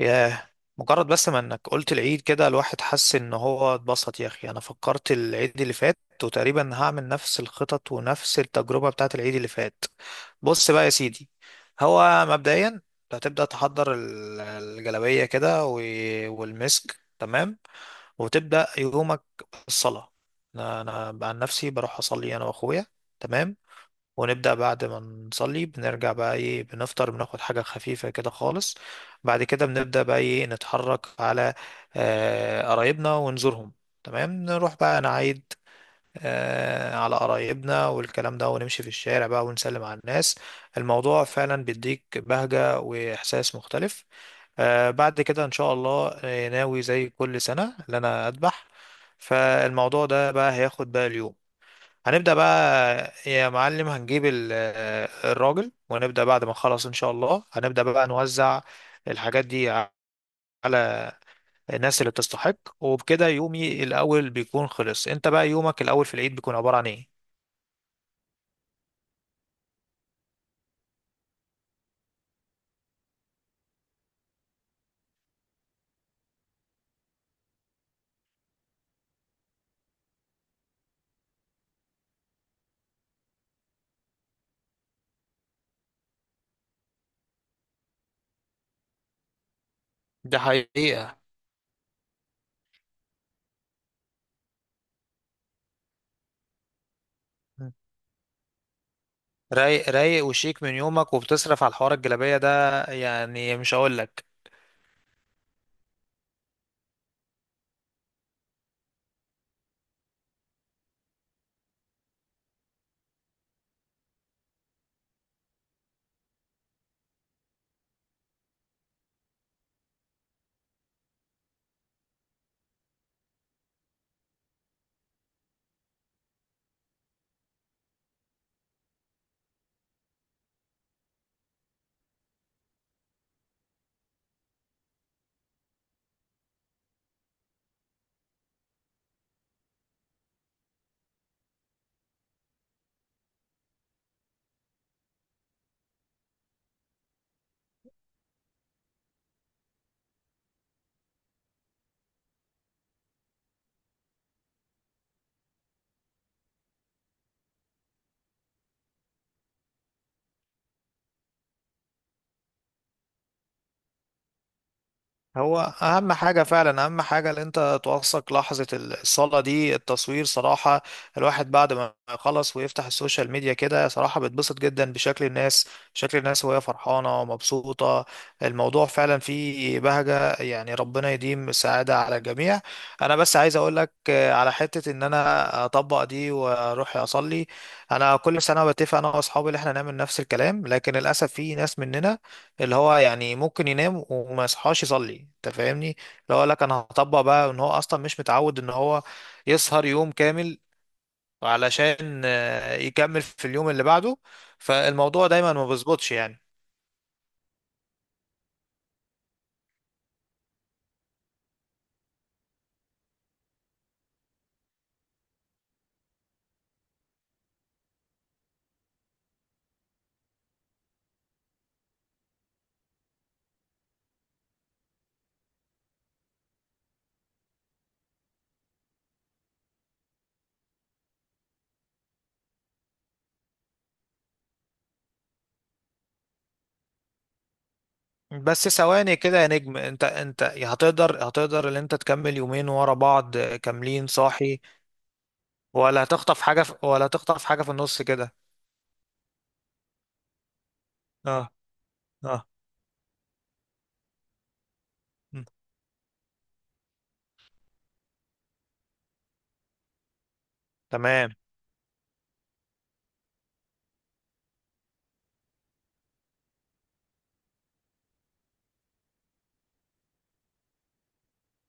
ياه، مجرد بس ما انك قلت العيد كده الواحد حس ان هو اتبسط يا اخي، انا فكرت العيد اللي فات. وتقريبا هعمل نفس الخطط ونفس التجربة بتاعت العيد اللي فات. بص بقى يا سيدي. هو مبدئيا أنت هتبدأ تحضر الجلابية كده والمسك، تمام. وتبدأ يومك بالصلاة. انا انا عن نفسي بروح اصلي انا واخويا. تمام. ونبدأ بعد ما نصلي بنرجع بقى ايه، بنفطر بناخد حاجة خفيفة كده خالص. بعد كده بنبدأ بقى ايه، نتحرك على قرايبنا ونزورهم. تمام، نروح بقى نعيد على قرايبنا والكلام ده، ونمشي في الشارع بقى ونسلم على الناس. الموضوع فعلا بيديك بهجة وإحساس مختلف. بعد كده إن شاء الله ناوي زي كل سنة إن أنا أذبح. فالموضوع ده بقى هياخد بقى اليوم. هنبدأ بقى يا معلم، هنجيب الراجل ونبدأ بعد ما نخلص إن شاء الله هنبدأ بقى نوزع الحاجات دي على الناس اللي بتستحق، وبكده يومي الأول بيكون خلص. أنت بقى يومك الأول في العيد بيكون عبارة عن إيه؟ ده حقيقة. رايق رايق وشيك من يومك، وبتصرف على الحوار الجلابية ده يعني مش هقول لك. هو اهم حاجة فعلا اهم حاجة، ان انت توثق لحظة الصلاة دي التصوير صراحة. الواحد بعد ما يخلص ويفتح السوشيال ميديا كده صراحة بيتبسط جدا بشكل الناس، شكل الناس وهي فرحانة ومبسوطة. الموضوع فعلا فيه بهجة، يعني ربنا يديم السعادة على الجميع. انا بس عايز اقول لك على حتة ان انا اطبق دي واروح اصلي. انا كل سنة بتفق انا واصحابي ان احنا نعمل نفس الكلام، لكن للاسف في ناس مننا اللي هو يعني ممكن ينام وما يصحاش يصلي، انت فاهمني؟ اللي هو لك انا هطبق بقى ان هو اصلا مش متعود ان هو يسهر يوم كامل علشان يكمل في اليوم اللي بعده. فالموضوع دايما ما بيظبطش يعني. بس ثواني كده يا نجم، انت هتقدر ان انت تكمل يومين ورا بعض كاملين صاحي؟ ولا هتخطف حاجة في النص كده؟ اه. اه. م. تمام.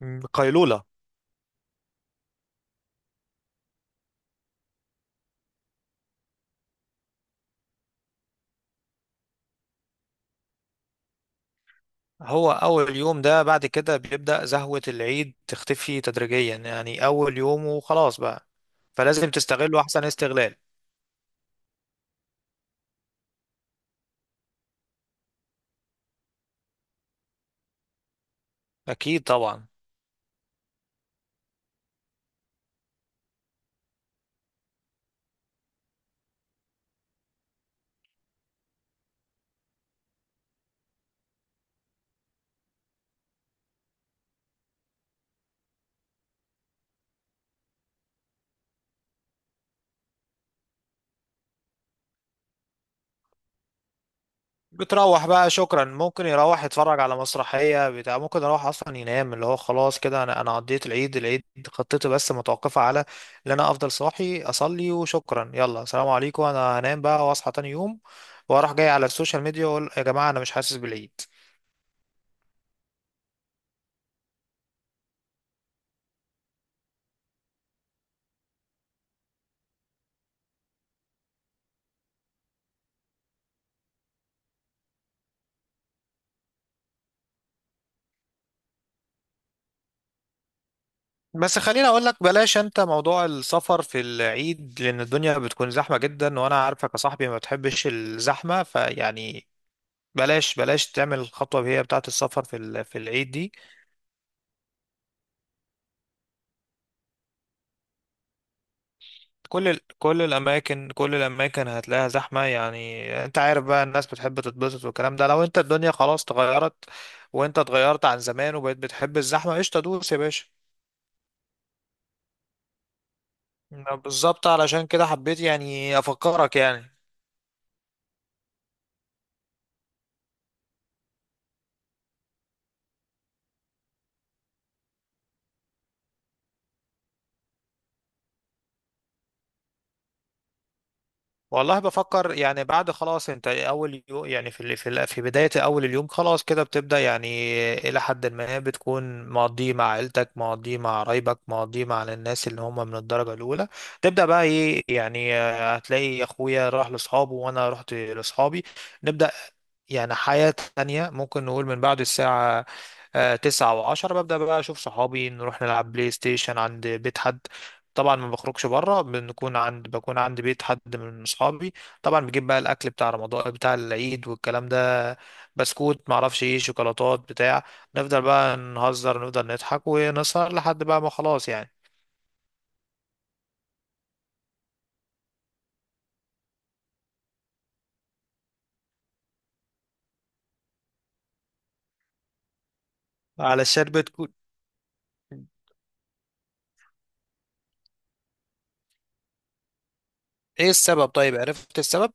م، قيلولة. هو أول يوم ده بعد كده بيبدأ زهوة العيد تختفي تدريجيا، يعني أول يوم وخلاص بقى. فلازم تستغله أحسن استغلال. أكيد طبعا. بتروح بقى شكرا، ممكن يروح يتفرج على مسرحية بتاع، ممكن يروح أصلا ينام، اللي هو خلاص كده أنا قضيت العيد. خطتي بس متوقفة على إن أنا أفضل صاحي أصلي وشكرا، يلا سلام عليكم، أنا هنام بقى وأصحى تاني يوم وأروح جاي على السوشيال ميديا وأقول يا جماعة، أنا مش حاسس بالعيد. بس خليني اقول لك، بلاش انت موضوع السفر في العيد، لان الدنيا بتكون زحمه جدا، وانا عارفك يا صاحبي ما بتحبش الزحمه فيعني. بلاش بلاش تعمل الخطوه هي بتاعه السفر في العيد دي. كل الاماكن كل الاماكن هتلاقيها زحمه يعني. انت عارف بقى، الناس بتحب تتبسط والكلام ده، لو انت الدنيا خلاص اتغيرت، وانت اتغيرت عن زمان وبقيت بتحب الزحمه، قشطه دوس يا باشا. بالظبط، علشان كده حبيت يعني افكرك يعني. والله بفكر يعني، بعد خلاص انت اول يوم يعني في بداية اول اليوم خلاص كده بتبدأ يعني. الى حد ما بتكون مقضيه مع عيلتك، مقضيه مع قرايبك، مقضيه مع الناس اللي هم من الدرجة الاولى. تبدأ بقى ايه يعني، هتلاقي اخويا راح لاصحابه وانا رحت لاصحابي. نبدأ يعني حياة تانية، ممكن نقول من بعد الساعة تسعة وعشرة، ببدأ بقى أشوف صحابي نروح نلعب بلاي ستيشن عند بيت حد. طبعا ما بخرجش بره، بنكون عند بكون عند بيت حد من صحابي. طبعا بجيب بقى الأكل بتاع رمضان بتاع العيد والكلام ده، بسكوت، معرفش ايه، شوكولاتات بتاع. نفضل بقى نهزر، نفضل نضحك ونسهر لحد بقى ما خلاص يعني. علشان بتكون ايه السبب؟ طيب عرفت السبب؟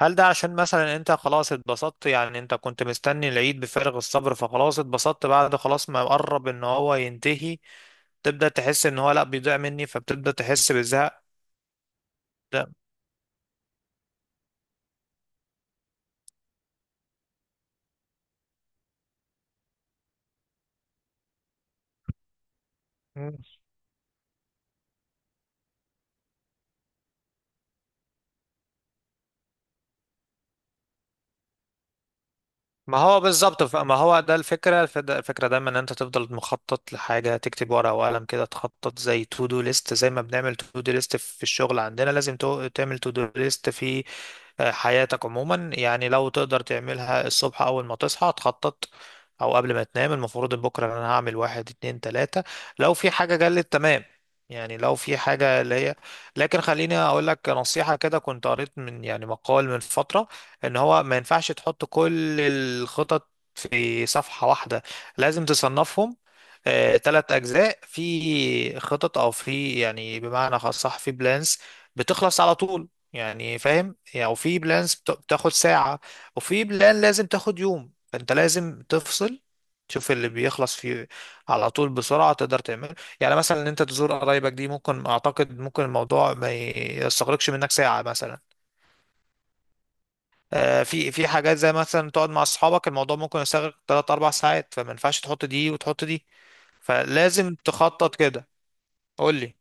هل ده عشان مثلا انت خلاص اتبسطت، يعني انت كنت مستني العيد بفارغ الصبر، فخلاص اتبسطت، بعد خلاص ما قرب ان هو ينتهي تبدأ تحس ان هو لا بيضيع مني، فبتبدأ تحس بالزهق. ده ما هو بالظبط. ما هو ده الفكرة الفكرة دايما، ان انت تفضل مخطط لحاجة، تكتب ورقة وقلم كده تخطط زي تو دو ليست، زي ما بنعمل تو دو ليست في الشغل عندنا لازم تعمل تو دو ليست في حياتك عموما، يعني لو تقدر تعملها الصبح اول ما تصحى تخطط، او قبل ما تنام، المفروض إن بكرة انا هعمل واحد اتنين تلاتة، لو في حاجة جلت تمام، يعني لو في حاجة اللي هي. لكن خليني اقول لك نصيحة كده، كنت قريت من يعني مقال من فترة ان هو ما ينفعش تحط كل الخطط في صفحة واحدة، لازم تصنفهم 3 اجزاء، في خطط او في يعني بمعنى خاص صح، في بلانس بتخلص على طول يعني فاهم يعني، وفي بلانس بتاخد ساعة، وفي بلان لازم تاخد يوم، فانت لازم تفصل تشوف اللي بيخلص فيه على طول بسرعة تقدر تعمله، يعني مثلا ان انت تزور قرايبك دي ممكن اعتقد ممكن الموضوع ما يستغرقش منك ساعة مثلا. في حاجات زي مثلا تقعد مع اصحابك الموضوع ممكن يستغرق 3 4 ساعات، فما ينفعش تحط دي وتحط دي. فلازم تخطط كده. قول لي.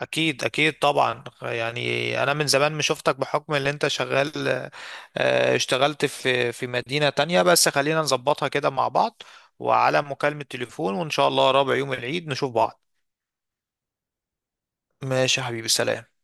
اكيد اكيد طبعا، يعني انا من زمان مش شفتك بحكم اللي انت شغال، اشتغلت في مدينة تانية، بس خلينا نظبطها كده مع بعض، وعلى مكالمة تليفون، وان شاء الله رابع يوم العيد نشوف بعض. ماشي يا حبيبي، سلام.